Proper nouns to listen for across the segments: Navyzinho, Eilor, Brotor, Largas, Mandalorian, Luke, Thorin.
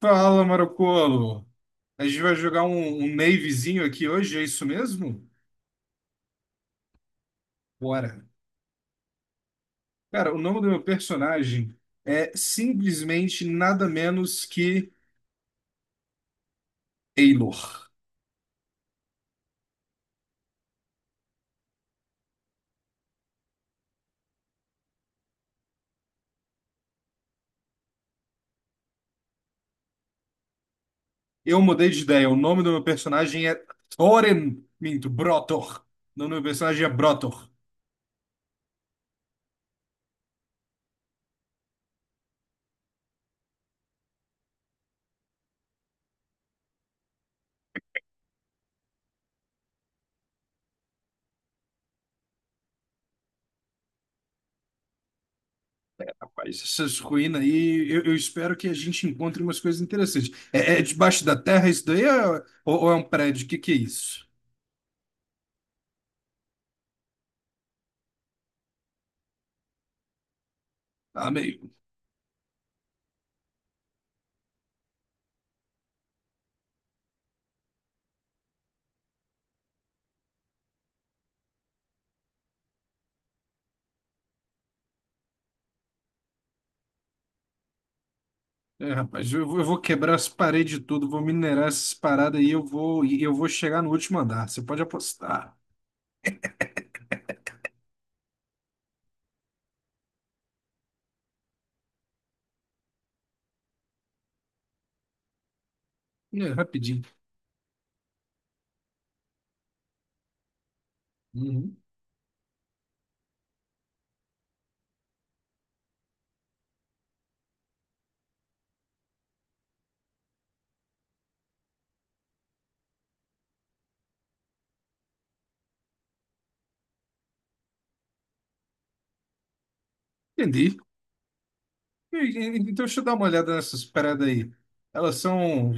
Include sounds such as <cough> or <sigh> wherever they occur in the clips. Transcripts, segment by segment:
Fala, Marocolo! A gente vai jogar um Navyzinho aqui hoje, é isso mesmo? Bora! Cara, o nome do meu personagem é simplesmente nada menos que Eilor. Eu mudei de ideia, o nome do meu personagem é Thorin, minto, Brotor. O nome do meu personagem é Brotor. Rapaz, essas ruínas aí, eu espero que a gente encontre umas coisas interessantes. É debaixo da terra isso daí? Ou é um prédio? O que que é isso? Amei. É, rapaz, eu vou quebrar as paredes tudo, vou minerar essas paradas aí, e eu vou chegar no último andar. Você pode apostar. É, rapidinho. Uhum. Entendi. Então deixa eu dar uma olhada nessas paradas aí. Elas são.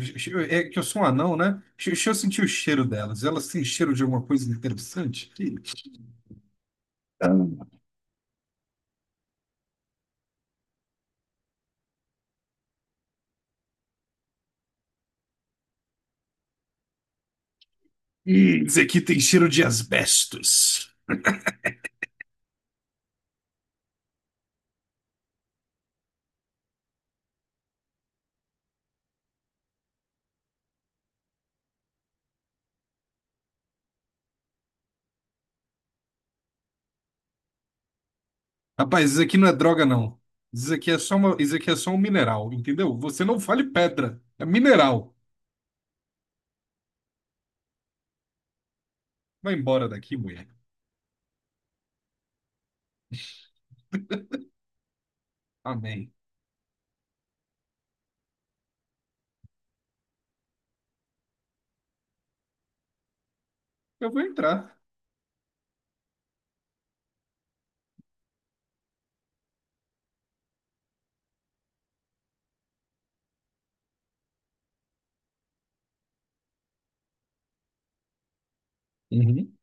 É que eu sou um anão, né? Deixa eu sentir o cheiro delas. Elas têm cheiro de alguma coisa interessante? Isso aqui tem cheiro de asbestos. Rapaz, isso aqui não é droga, não. Isso aqui é só uma, isso aqui é só um mineral, entendeu? Você não fale pedra, é mineral. Vai embora daqui, mulher. Amém. Eu vou entrar. Uhum.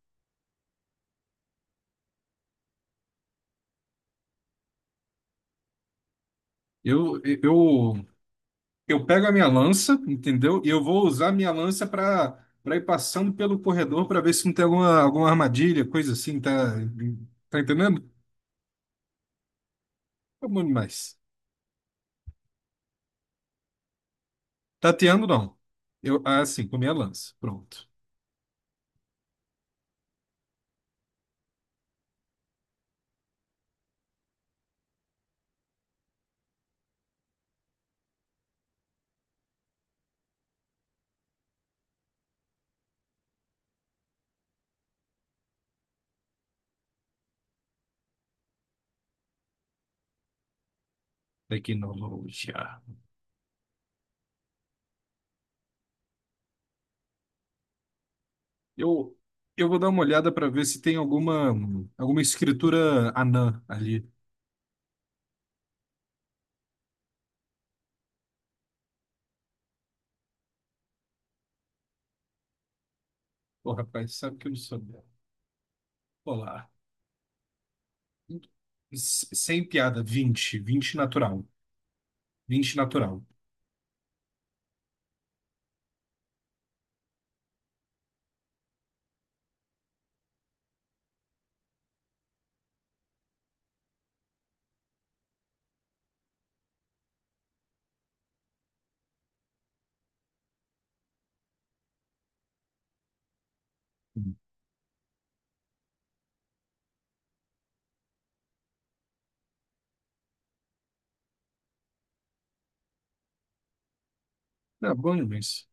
Eu, eu, eu pego a minha lança, entendeu? E eu vou usar a minha lança para ir passando pelo corredor para ver se não tem alguma armadilha, coisa assim, tá entendendo? Tá bom demais. Tateando, não. Eu, ah, sim, com a minha lança. Pronto. Tecnologia. Eu, eu vou dar uma olhada para ver se tem alguma escritura anã ali. Pô, rapaz, sabe que eu não sou dela. Olá. Sem piada, 20 20 natural. 20 natural. Tá bom demais.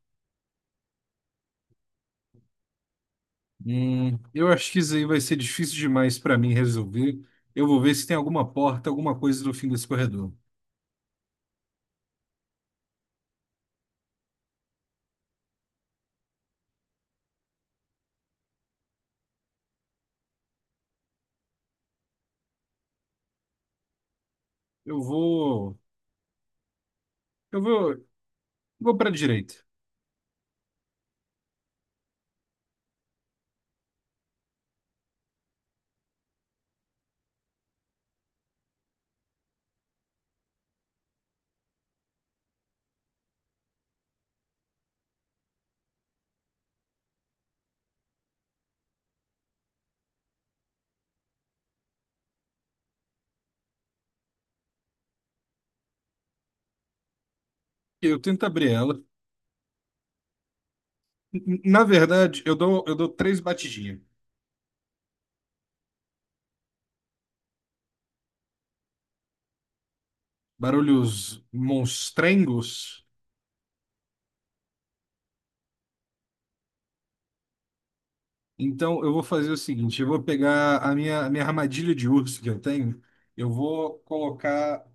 Eu acho que isso aí vai ser difícil demais para mim resolver. Eu vou ver se tem alguma porta, alguma coisa no fim desse corredor. Eu vou. Eu vou. Vou para direita. Eu tento abrir ela. Na verdade, eu dou três batidinhas. Barulhos monstrengos. Então, eu vou fazer o seguinte: eu vou pegar a minha armadilha de urso que eu tenho. Eu vou colocar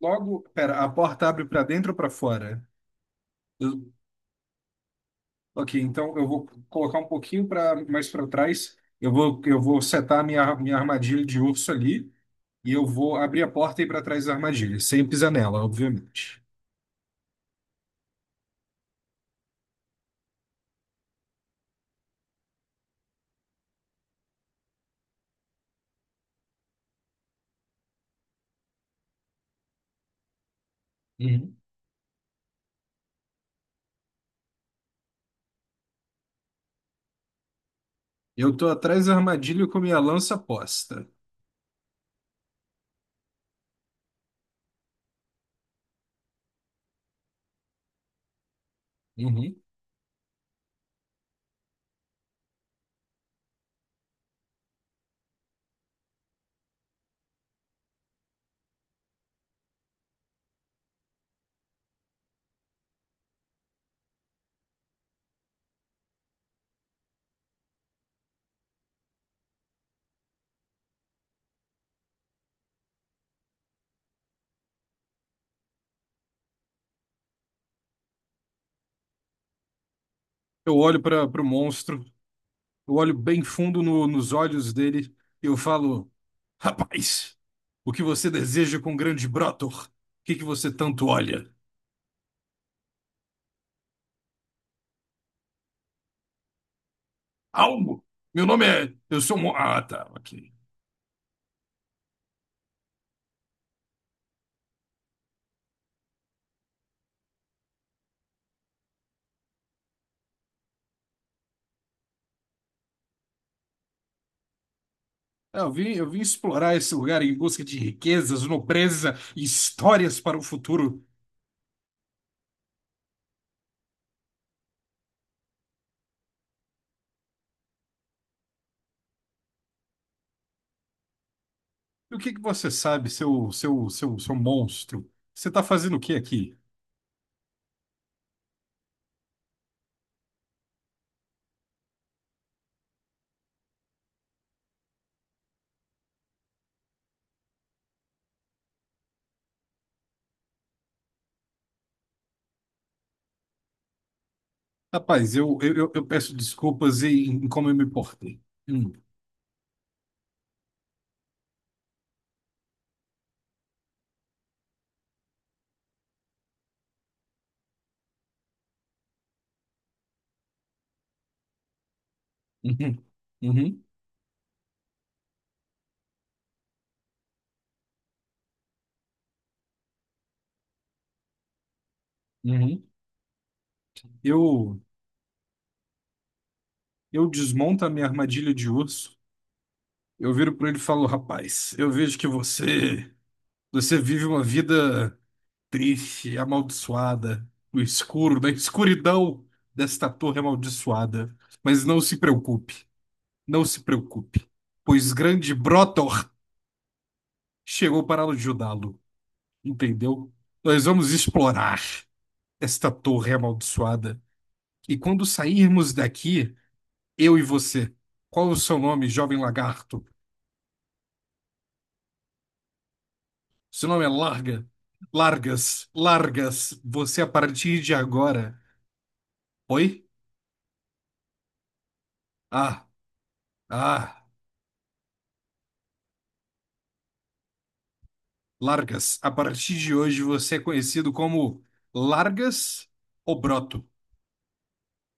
Logo, pera, a porta abre para dentro ou para fora? Eu- ok, então eu vou colocar um pouquinho para mais para trás. Eu vou setar a minha armadilha de urso ali e eu vou abrir a porta e ir para trás da armadilha, sem pisar nela, obviamente. Uhum. Eu tô atrás da armadilha com minha lança posta. Uhum. Eu olho para o monstro, eu olho bem fundo nos olhos dele e eu falo: rapaz, o que você deseja com o grande Brotor? O que que você tanto olha? Algo? Meu nome é. Eu sou. Ah, tá, ok. Ah, eu vim explorar esse lugar em busca de riquezas, nobreza e histórias para o futuro. E o que que você sabe, seu monstro? Você está fazendo o que aqui? Rapaz, eu peço desculpas em como eu me portei. Hum, uhum, uhum, uhum. Eu, eu desmonto a minha armadilha de urso. Eu viro para ele e falo, rapaz, eu vejo que você vive uma vida triste, amaldiçoada, no escuro, na escuridão desta torre amaldiçoada. Mas não se preocupe, não se preocupe, pois grande Brotor chegou para ajudá-lo, entendeu? Nós vamos explorar esta torre amaldiçoada. E quando sairmos daqui, eu e você, qual o seu nome, jovem lagarto? Seu nome é Larga? Largas, Largas, você a partir de agora. Oi? Ah, ah. Largas. A partir de hoje você é conhecido como Largas ou Broto.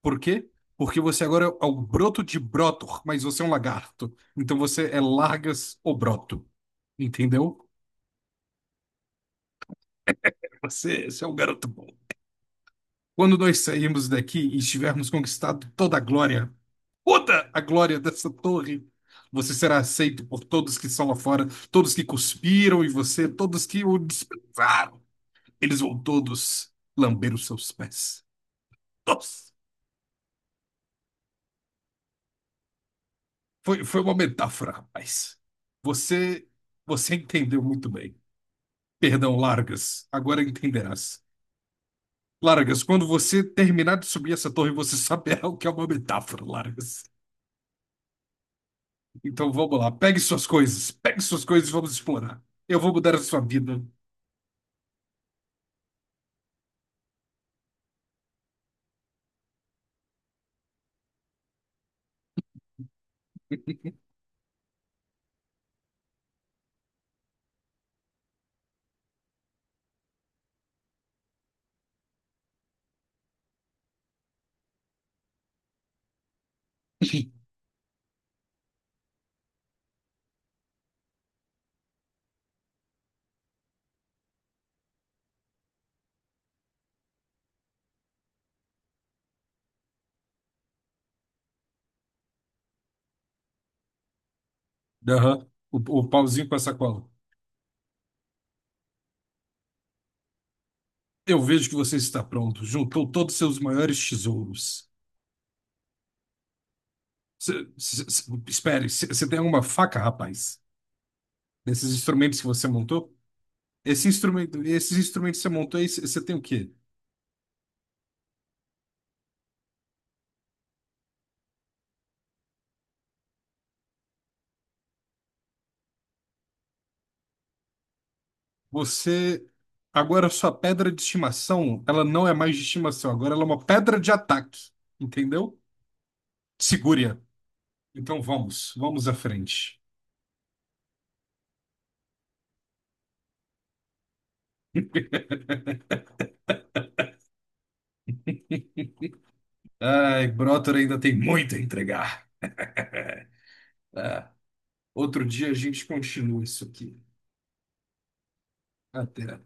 Por quê? Porque você agora é o Broto de Brotor, mas você é um lagarto. Então você é Largas ou Broto. Entendeu? Você é um garoto bom. Quando nós sairmos daqui e estivermos conquistado toda a glória dessa torre, você será aceito por todos que estão lá fora, todos que cuspiram em você, todos que o desprezaram. Eles vão todos lamber os seus pés. Nossa, foi uma metáfora, rapaz. Você, você entendeu muito bem. Perdão, Largas, agora entenderás. Largas, quando você terminar de subir essa torre, você saberá o que é uma metáfora, Largas. Então vamos lá, pegue suas coisas e vamos explorar. Eu vou mudar a sua vida. <laughs> Aham, o pauzinho com a sacola. Eu vejo que você está pronto. Juntou todos os seus maiores tesouros. Espere, você tem alguma faca, rapaz? Nesses instrumentos que você montou? Esse instrumento, esses instrumentos que você montou, aí, você tem o quê? Você. Agora a sua pedra de estimação, ela não é mais de estimação, agora ela é uma pedra de ataque. Entendeu? Segure-a. Então vamos, vamos à frente. <laughs> Ai, Brotor ainda tem muito a entregar. Outro dia a gente continua isso aqui. Até.